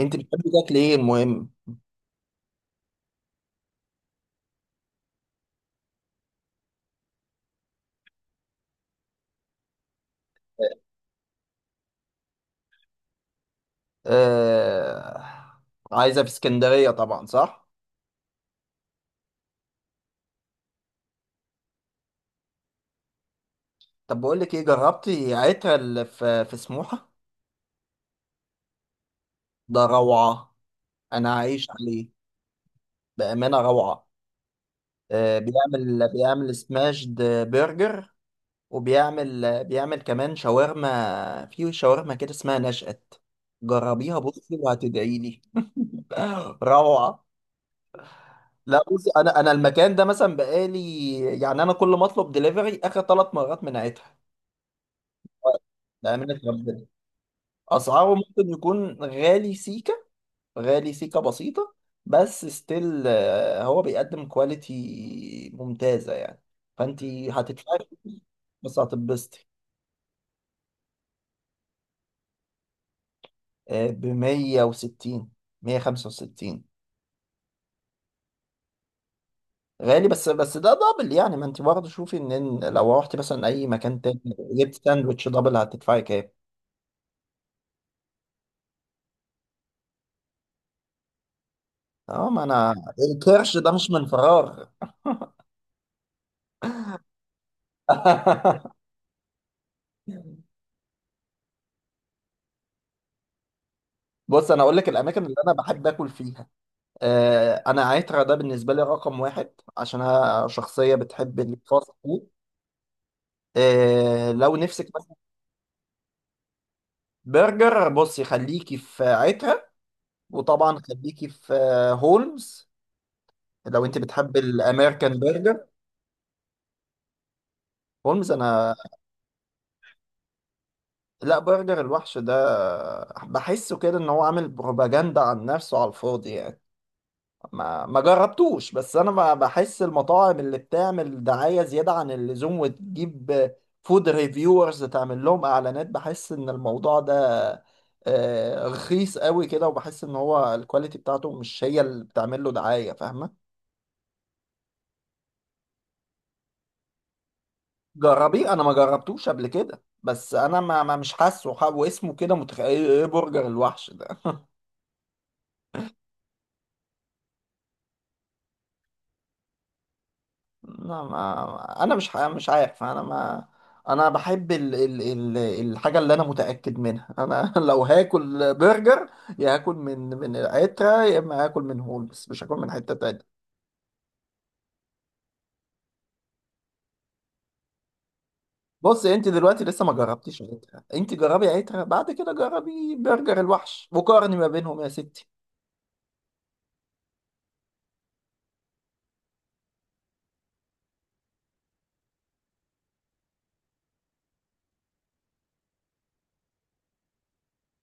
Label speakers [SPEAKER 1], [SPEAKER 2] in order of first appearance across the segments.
[SPEAKER 1] انت بتحبي تاكلي ايه المهم. آه... عايزه في اسكندريه طبعا، صح. طب بقول لك ايه، جربتي عترة اللي في سموحه؟ ده روعه. انا عايش عليه. بامانه روعه. بيعمل سماشد برجر، وبيعمل كمان شاورما، في شاورما كده اسمها نشأت. جربيها بصي وهتدعي لي. روعه. لا بصي، انا المكان ده مثلا بقالي، يعني انا كل ما اطلب دليفري اخر ثلاث مرات من عترة. ده أمانة ربنا. أسعاره ممكن يكون غالي سيكة، غالي سيكة بسيطة، بس ستيل هو بيقدم كواليتي ممتازة يعني. فأنت هتدفعي فلوس، بس هتتبسطي. ب 160، 165. غالي، بس ده دبل يعني، ما أنت برضه شوفي إن لو رحتي مثلا أي مكان تاني جبت ساندوتش دبل هتدفعي كام؟ أه ما أنا الكرش ده مش من فراغ. بص انا اقول لك الاماكن اللي انا بحب اكل فيها. انا عترة ده بالنسبه لي رقم واحد، عشان انا شخصيه بتحب الفاست فود. لو نفسك مثلا برجر، بصي خليكي في عترة، وطبعا خليكي في هولمز، لو انت بتحب الامريكان برجر. هولمز انا. لا برجر الوحش ده، بحسه كده ان هو عامل بروباجندا عن نفسه على الفاضي يعني. ما جربتوش، بس انا بحس المطاعم اللي بتعمل دعاية زيادة عن اللزوم وتجيب فود ريفيورز تعمل لهم اعلانات، بحس ان الموضوع ده رخيص قوي كده، وبحس ان هو الكواليتي بتاعته مش هي اللي بتعمل له دعاية، فاهمة؟ جربيه، انا ما جربتوش قبل كده، بس انا مش حاسه واسمه كده متخيل ايه إيه، برجر الوحش ده. لا ما انا مش عارف انا ما. انا بحب الحاجه اللي انا متاكد منها انا. لو هاكل برجر يا هاكل من العتره، يا اما هاكل من هولمز، مش هاكل من حته تانية. بص انت دلوقتي لسه ما جربتيش عتره، انت جربي عتره بعد كده جربي برجر الوحش وقارني ما بينهم يا ستي.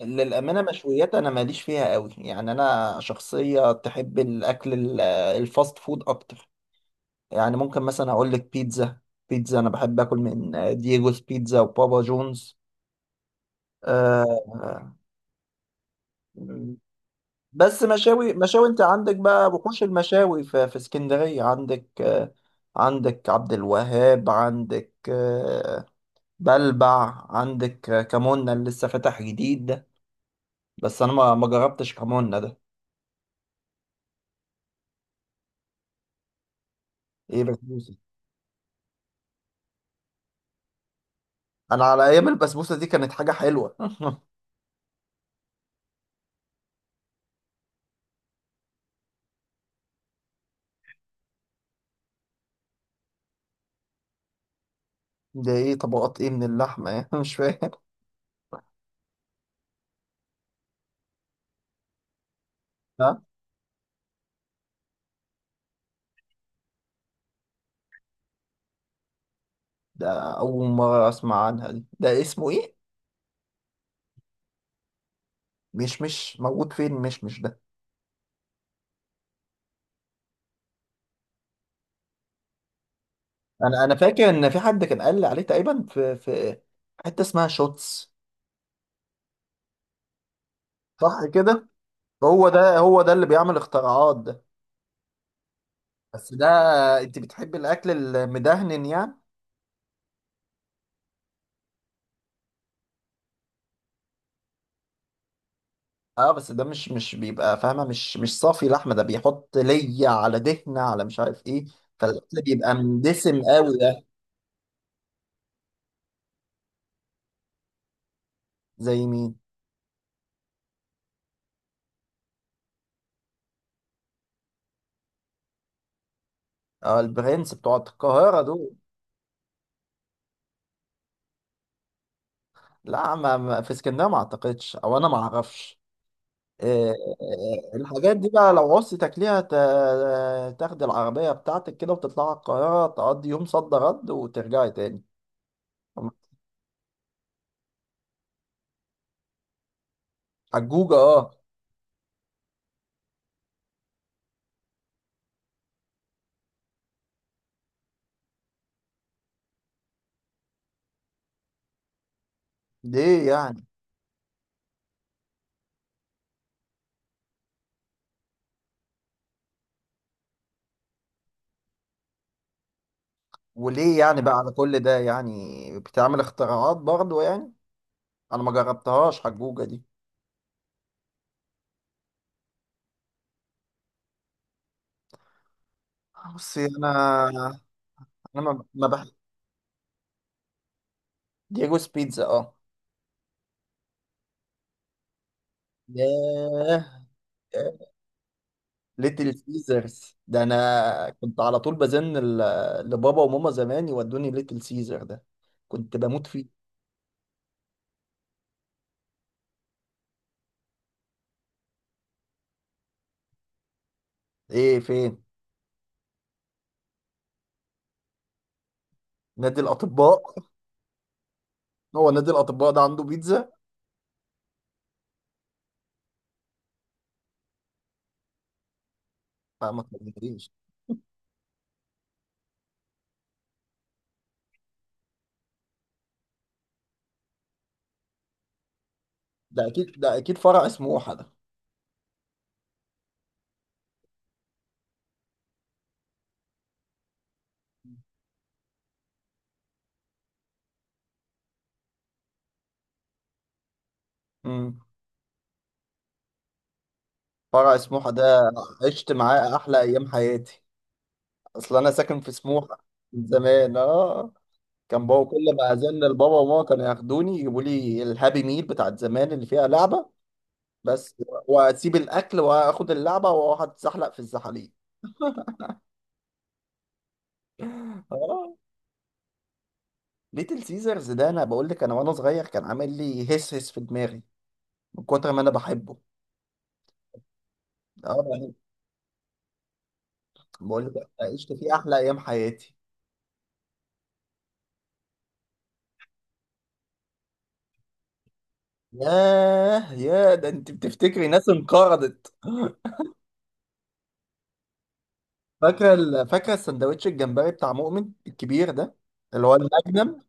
[SPEAKER 1] للأمانة مشويات أنا ماليش فيها قوي يعني، أنا شخصية تحب الأكل الفاست فود أكتر. يعني ممكن مثلا اقول لك بيتزا. بيتزا انا بحب اكل من دييجوز بيتزا وبابا جونز. آه، آه، بس مشاوي، مشاوي انت عندك بقى وحوش المشاوي في اسكندرية. عندك آه، عندك عبد الوهاب، عندك آه، بلبع، عندك كمونة اللي لسه فاتح جديد ده، بس انا ما جربتش كمونة ده. ايه بسبوسة؟ انا على ايام البسبوسة دي كانت حاجة حلوة. ده ايه طبقات ايه من اللحمة؟ مش فاهم. ده أول مرة أسمع عنها دي، ده اسمه إيه؟ مش موجود فين؟ مش ده. أنا فاكر إن في حد كان قال لي عليه تقريبا في حتة اسمها شوتس. صح كده؟ هو ده، هو ده اللي بيعمل اختراعات ده. بس ده، أنت بتحب الأكل المدهن يعني؟ أه بس ده مش بيبقى فاهمة، مش صافي لحمة، ده بيحط لية على دهنة على مش عارف إيه. فالأكل بيبقى مندسم قوي ده. زي مين؟ أه البرنس بتوع القاهرة دول. لا في اسكندريه ما اعتقدش، او انا ما اعرفش. إيه، إيه، الحاجات دي بقى لو عوزت ليها تاخد العربيه بتاعتك كده وتطلع القاهره تقضي يوم صد رد وترجعي تاني. حجوجه، اه. ليه يعني؟ وليه يعني بقى على كل ده يعني، بتعمل اختراعات برضو يعني؟ انا ما جربتهاش حجوجه دي. بصي انا، انا ما ما بح... ديجوز بيتزا اه. ياه. آه، ليتل سيزرز ده انا كنت على طول بزن لبابا وماما زمان يودوني ليتل سيزر ده. كنت بموت فيه. ايه فين؟ نادي الاطباء. هو نادي الاطباء ده عنده بيتزا؟ آه، ما تكلمنيش. ده اكيد، ده اكيد فرع سموحه ده. امم، فرع سموحه ده عشت معاه احلى ايام حياتي. اصل انا ساكن في سموحه من زمان اه. كان بابا كل ما ازن لبابا وماما كانوا ياخدوني يجيبوا لي الهابي ميل بتاعت زمان اللي فيها لعبه بس، واسيب الاكل واخد اللعبه واقعد اتزحلق في الزحاليق. اه. ليتل سيزرز ده انا بقول لك انا وانا صغير كان عامل لي هس هس في دماغي من كتر ما انا بحبه. اه يعني. بقول لك عشت فيه احلى ايام حياتي. ياه، يا ده انت بتفتكري ناس انقرضت. فاكره فاكره السندوتش الجمبري بتاع مؤمن الكبير ده، اللي هو المجنم.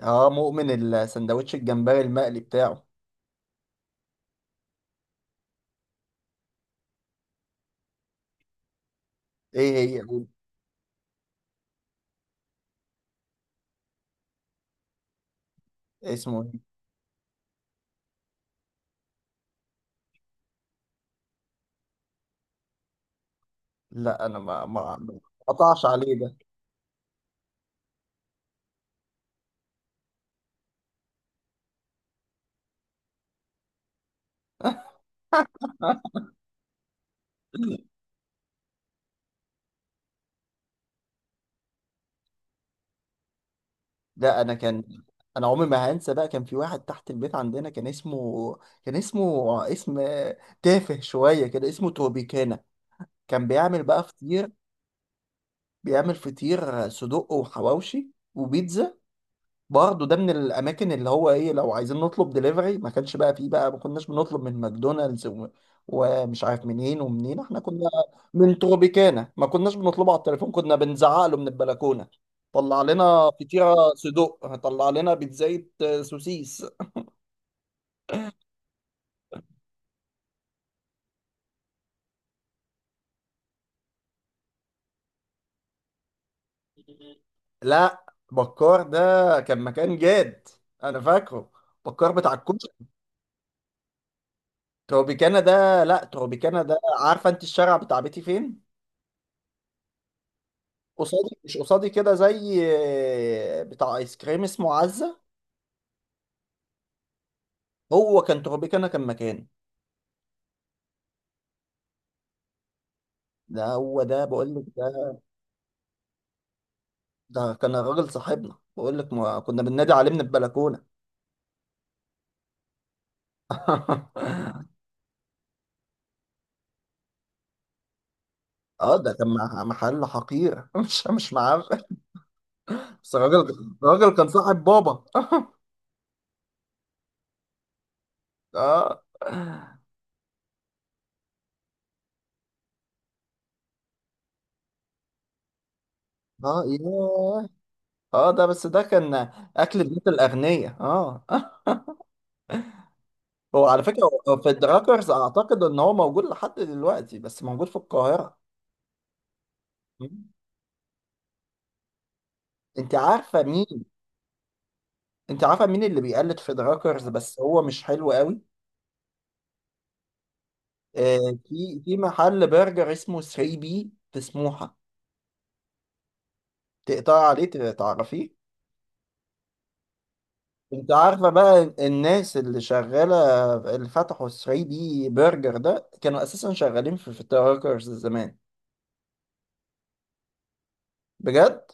[SPEAKER 1] اه مؤمن، السندوتش الجمبري المقلي بتاعه. ايه هي؟ إيه اسمه ايه؟ لا انا ما قطعش عليه ده. لا انا كان، انا عمري ما هنسى بقى، كان في واحد تحت البيت عندنا كان اسمه اسم تافه شويه كده، اسمه توبيكانا. كان بيعمل بقى فطير، بيعمل فطير صدق وحواوشي وبيتزا. برضه ده من الاماكن اللي هو ايه، لو عايزين نطلب دليفري ما كانش بقى فيه بقى، ما كناش بنطلب من ماكدونالدز ومش عارف منين ومنين، احنا كنا من تروبيكانا ما كناش بنطلبه على التليفون، كنا بنزعق له من البلكونه، طلع لنا فطيره صدق، طلع لنا بيتزاية سوسيس. لا بكار ده كان مكان جاد، انا فاكره، بكار بتاع الكشك. تروبيكانا ده لا، تروبيكانا ده عارفه انت الشارع بتاع بيتي فين؟ قصادي، مش قصادي كده، زي بتاع ايس كريم اسمه عزة. هو كان تربيكانا، كان مكاني. ده هو ده بقول لك ده. ده كان الراجل صاحبنا بقول لك، ما كنا بننادي عليه من البلكونة. اه ده كان محل حقير، مش معرف. بس الراجل، كان صاحب بابا. اه. اه ياه. اه ده بس ده كان اكل بيت الاغنياء اه. هو على فكرة، هو في الدراكرز اعتقد ان هو موجود لحد دلوقتي، بس موجود في القاهرة. انت عارفه مين؟ انت عارفه مين اللي بيقلد في دراكرز بس هو مش حلو قوي؟ آه، في محل برجر اسمه 3 بي في سموحه، تقطع عليه، تعرفيه؟ انت عارفه بقى الناس اللي شغاله، اللي فتحوا 3 بي برجر ده، كانوا اساسا شغالين في دراكرز زمان. بجد.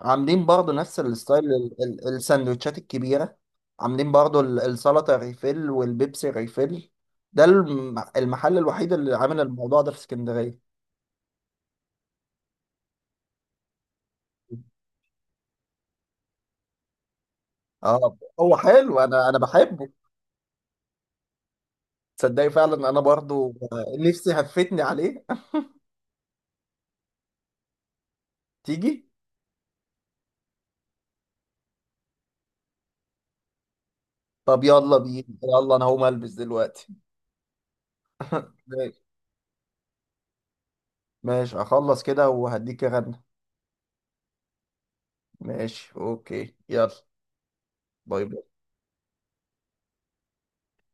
[SPEAKER 1] عاملين برضو نفس الستايل السندوتشات الكبيرة، عاملين برضو السلطة ريفيل والبيبسي ريفيل، ده المحل الوحيد اللي عامل الموضوع ده في اسكندرية. اه هو حلو، انا بحبه. تصدقي فعلا انا برضو نفسي هفتني عليه. تيجي. طب يلا بينا، يلا انا هقوم البس دلوقتي. ماشي، ماشي اخلص كده وهديك رنة. ماشي اوكي يلا. باي باي.